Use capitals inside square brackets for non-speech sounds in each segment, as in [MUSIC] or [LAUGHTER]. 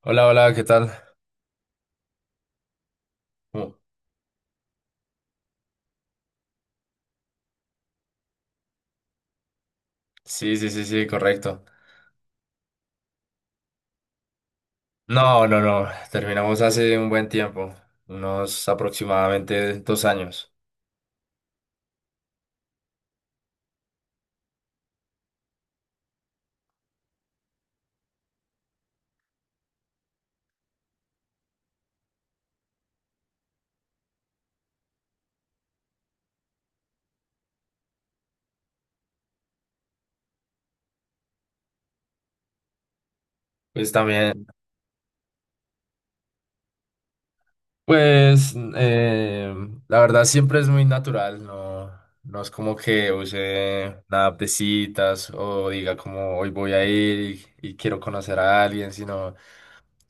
Hola, hola, ¿qué tal? Uh, sí, sí, sí, sí, correcto. No, no, no, terminamos hace un buen tiempo, unos aproximadamente 2 años. Pues también, pues eh, la verdad siempre es muy natural, no, no es como que use nada de citas o diga como hoy voy a ir y quiero conocer a alguien, sino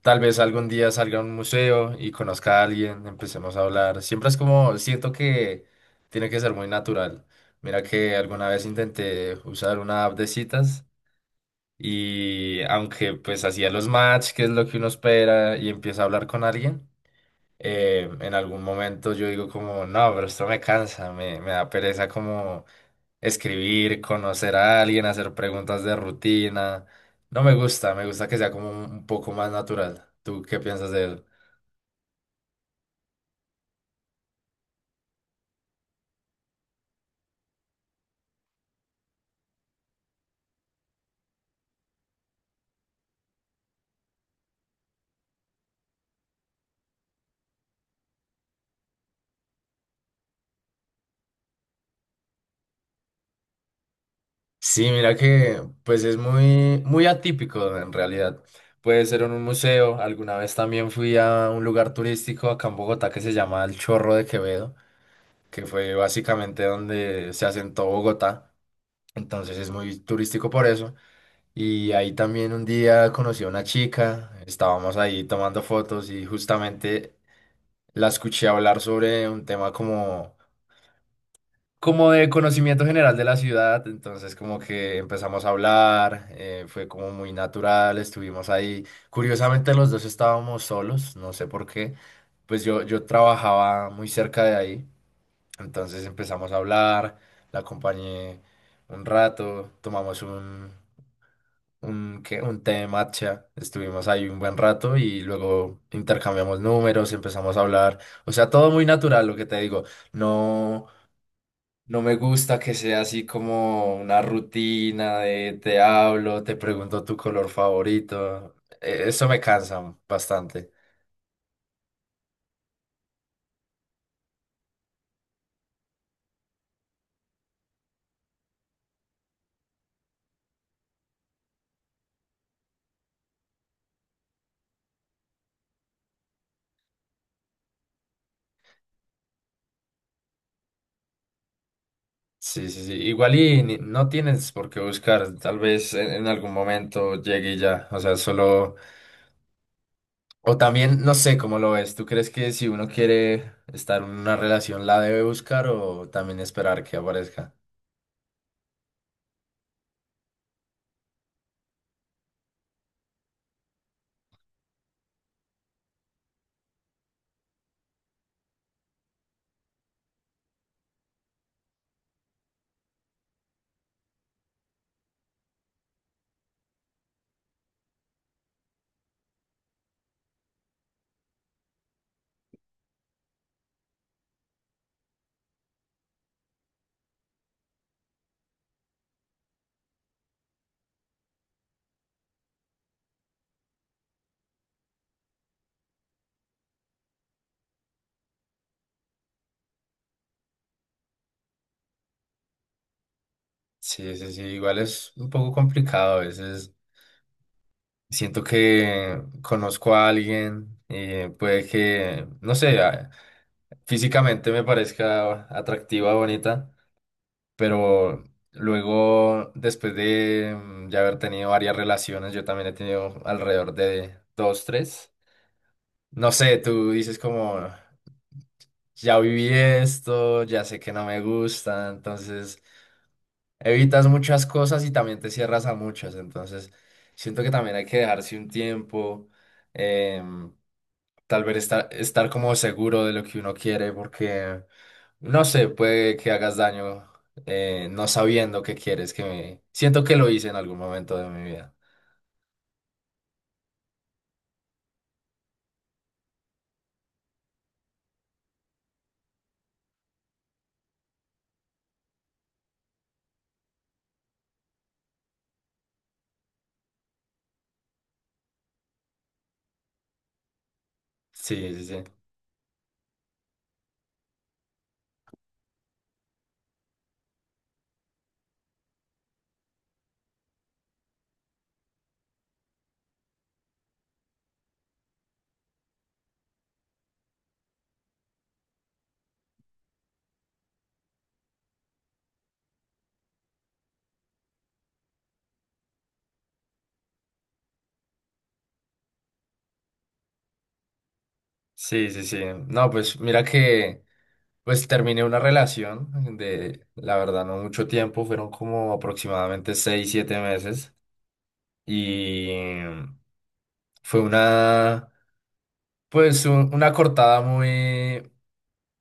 tal vez algún día salga a un museo y conozca a alguien, empecemos a hablar. Siempre es como, siento que tiene que ser muy natural. Mira que alguna vez intenté usar una app de citas y aunque pues hacía los match, que es lo que uno espera, y empieza a hablar con alguien, en algún momento yo digo como, no, pero esto me cansa, me da pereza como escribir, conocer a alguien, hacer preguntas de rutina. No me gusta, me gusta que sea como un poco más natural. ¿Tú qué piensas de él? Sí, mira que pues es muy, muy atípico en realidad. Puede ser en un museo. Alguna vez también fui a un lugar turístico acá en Bogotá que se llama El Chorro de Quevedo, que fue básicamente donde se asentó Bogotá. Entonces es muy turístico por eso. Y ahí también un día conocí a una chica, estábamos ahí tomando fotos y justamente la escuché hablar sobre un tema como de conocimiento general de la ciudad, entonces como que empezamos a hablar, fue como muy natural, estuvimos ahí. Curiosamente los dos estábamos solos, no sé por qué, pues yo trabajaba muy cerca de ahí, entonces empezamos a hablar, la acompañé un rato, tomamos ¿qué? Un té de matcha, estuvimos ahí un buen rato y luego intercambiamos números, empezamos a hablar, o sea, todo muy natural, lo que te digo, no... No me gusta que sea así como una rutina de te hablo, te pregunto tu color favorito. Eso me cansa bastante. Sí, sí, sí. Igual y no tienes por qué buscar. Tal vez en algún momento llegue y ya. O sea, solo... O también, no sé cómo lo ves. ¿Tú crees que si uno quiere estar en una relación la debe buscar o también esperar que aparezca? Sí, sí, sí. Igual es un poco complicado a veces. Siento que conozco a alguien y puede que, no sé, físicamente me parezca atractiva, bonita, pero luego, después de ya haber tenido varias relaciones, yo también he tenido alrededor de dos, tres. No sé, tú dices como, ya viví esto, ya sé que no me gusta, entonces evitas muchas cosas y también te cierras a muchas, entonces siento que también hay que dejarse un tiempo. em, Tal vez estar, estar como seguro de lo que uno quiere, porque no sé, puede que hagas daño, no sabiendo qué quieres, que me... Siento que lo hice en algún momento de mi vida. Sí, sí, sí. Sí, sí, sí. No, pues mira que pues terminé una relación de, la verdad, no mucho tiempo, fueron como aproximadamente 6, 7 meses y fue una, pues una cortada muy,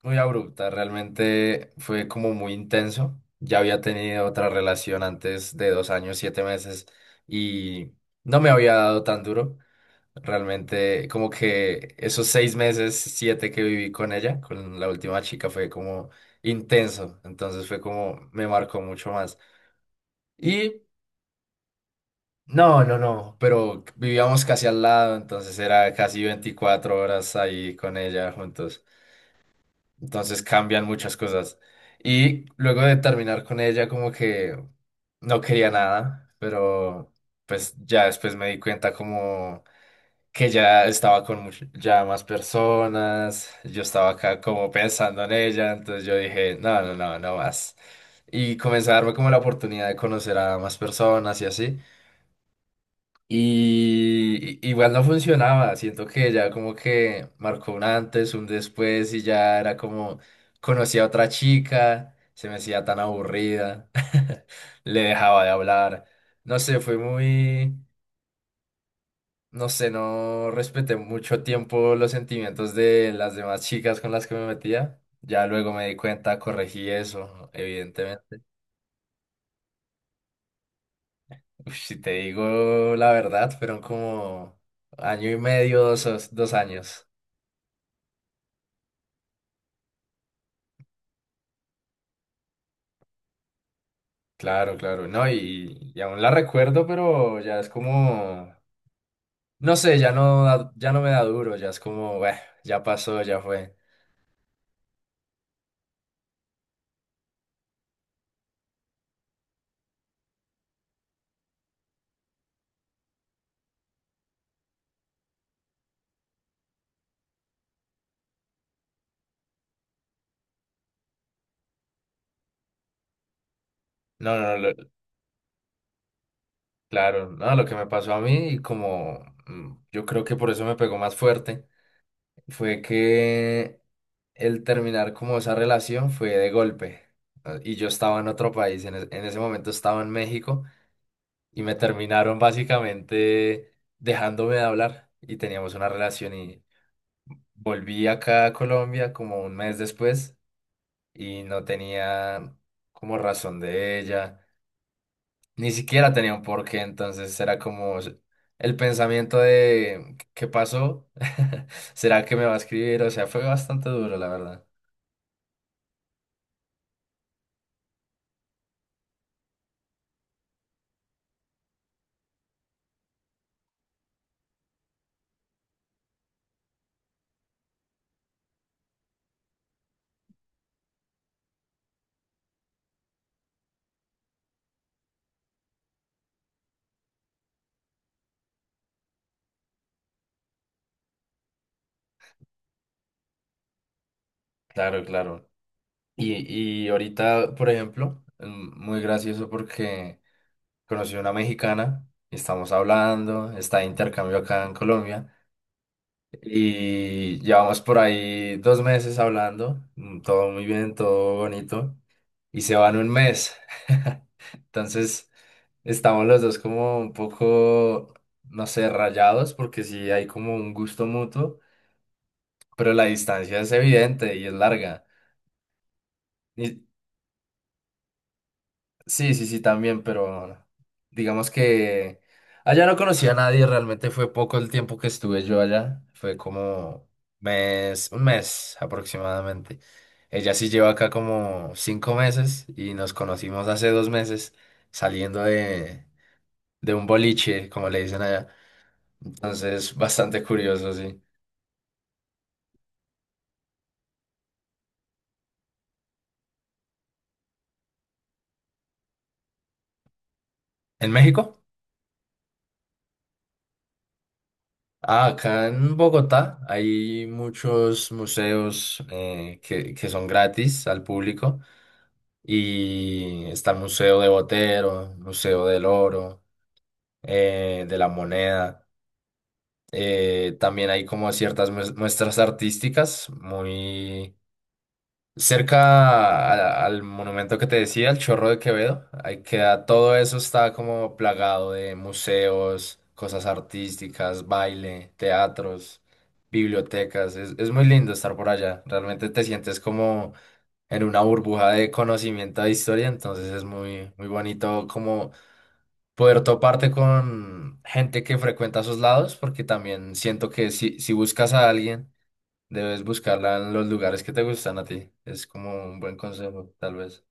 muy abrupta, realmente fue como muy intenso. Ya había tenido otra relación antes de 2 años, 7 meses y no me había dado tan duro. Realmente como que esos 6 meses, 7 que viví con ella, con la última chica, fue como intenso. Entonces fue como me marcó mucho más. Y no, no, no, pero vivíamos casi al lado, entonces era casi 24 horas ahí con ella juntos. Entonces cambian muchas cosas. Y luego de terminar con ella, como que no quería nada, pero pues ya después me di cuenta como que ya estaba con ya más personas, yo estaba acá como pensando en ella, entonces yo dije, no, no, no, no más. Y comencé a darme como la oportunidad de conocer a más personas y así. Igual no funcionaba, siento que ya como que marcó un antes, un después y ya era como conocí a otra chica, se me hacía tan aburrida, [LAUGHS] le dejaba de hablar, no sé, fue muy, no sé, no respeté mucho tiempo los sentimientos de las demás chicas con las que me metía, ya luego me di cuenta, corregí eso, evidentemente. Uf, si te digo la verdad, fueron como año y medio, dos años. Claro, claro, no, y aún la recuerdo, pero ya es como, no sé, ya no, ya no me da duro, ya es como, "Bueh, ya pasó, ya fue." No, no, claro, no, lo que me pasó a mí, y como yo creo que por eso me pegó más fuerte, fue que el terminar como esa relación fue de golpe. ¿No? Y yo estaba en otro país, en ese momento estaba en México, y me terminaron básicamente dejándome de hablar, y teníamos una relación. Volví acá a Colombia como un mes después y no tenía como razón de ella, ni siquiera tenía un porqué, entonces era como el pensamiento de ¿qué pasó? [LAUGHS] ¿Será que me va a escribir? O sea, fue bastante duro, la verdad. Claro, claro. Y ahorita, por ejemplo, muy gracioso porque conocí a una mexicana, y estamos hablando, está de intercambio acá en Colombia. Y llevamos por ahí 2 meses hablando, todo muy bien, todo bonito, y se van un mes. [LAUGHS] Entonces, estamos los dos como un poco, no sé, rayados, porque sí hay como un gusto mutuo, pero la distancia es evidente y es larga. Y, Sí, sí, sí, también, pero digamos que allá no conocí a nadie, realmente fue poco el tiempo que estuve yo allá, fue como mes, un mes aproximadamente. Ella sí lleva acá como 5 meses y nos conocimos hace 2 meses saliendo de un boliche, como le dicen allá. Entonces, bastante curioso, sí. ¿En México? Ah, acá en Bogotá hay muchos museos, que son gratis al público. Y está el Museo de Botero, Museo del Oro, de la Moneda. También hay como ciertas muestras artísticas muy cerca al monumento que te decía, el Chorro de Quevedo. Ahí queda, todo eso está como plagado de museos, cosas artísticas, baile, teatros, bibliotecas. Es muy lindo estar por allá. Realmente te sientes como en una burbuja de conocimiento de historia, entonces es muy, muy bonito como poder toparte con gente que frecuenta esos lados, porque también siento que si, si buscas a alguien, debes buscarla en los lugares que te gustan a ti. Es como un buen consejo, tal vez.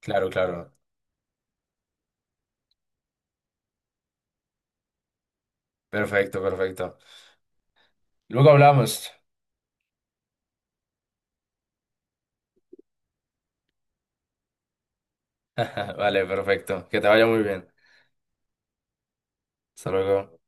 Claro, claro. Perfecto, perfecto. Luego hablamos. [LAUGHS] Vale, perfecto. Que te vaya muy bien. Hasta luego.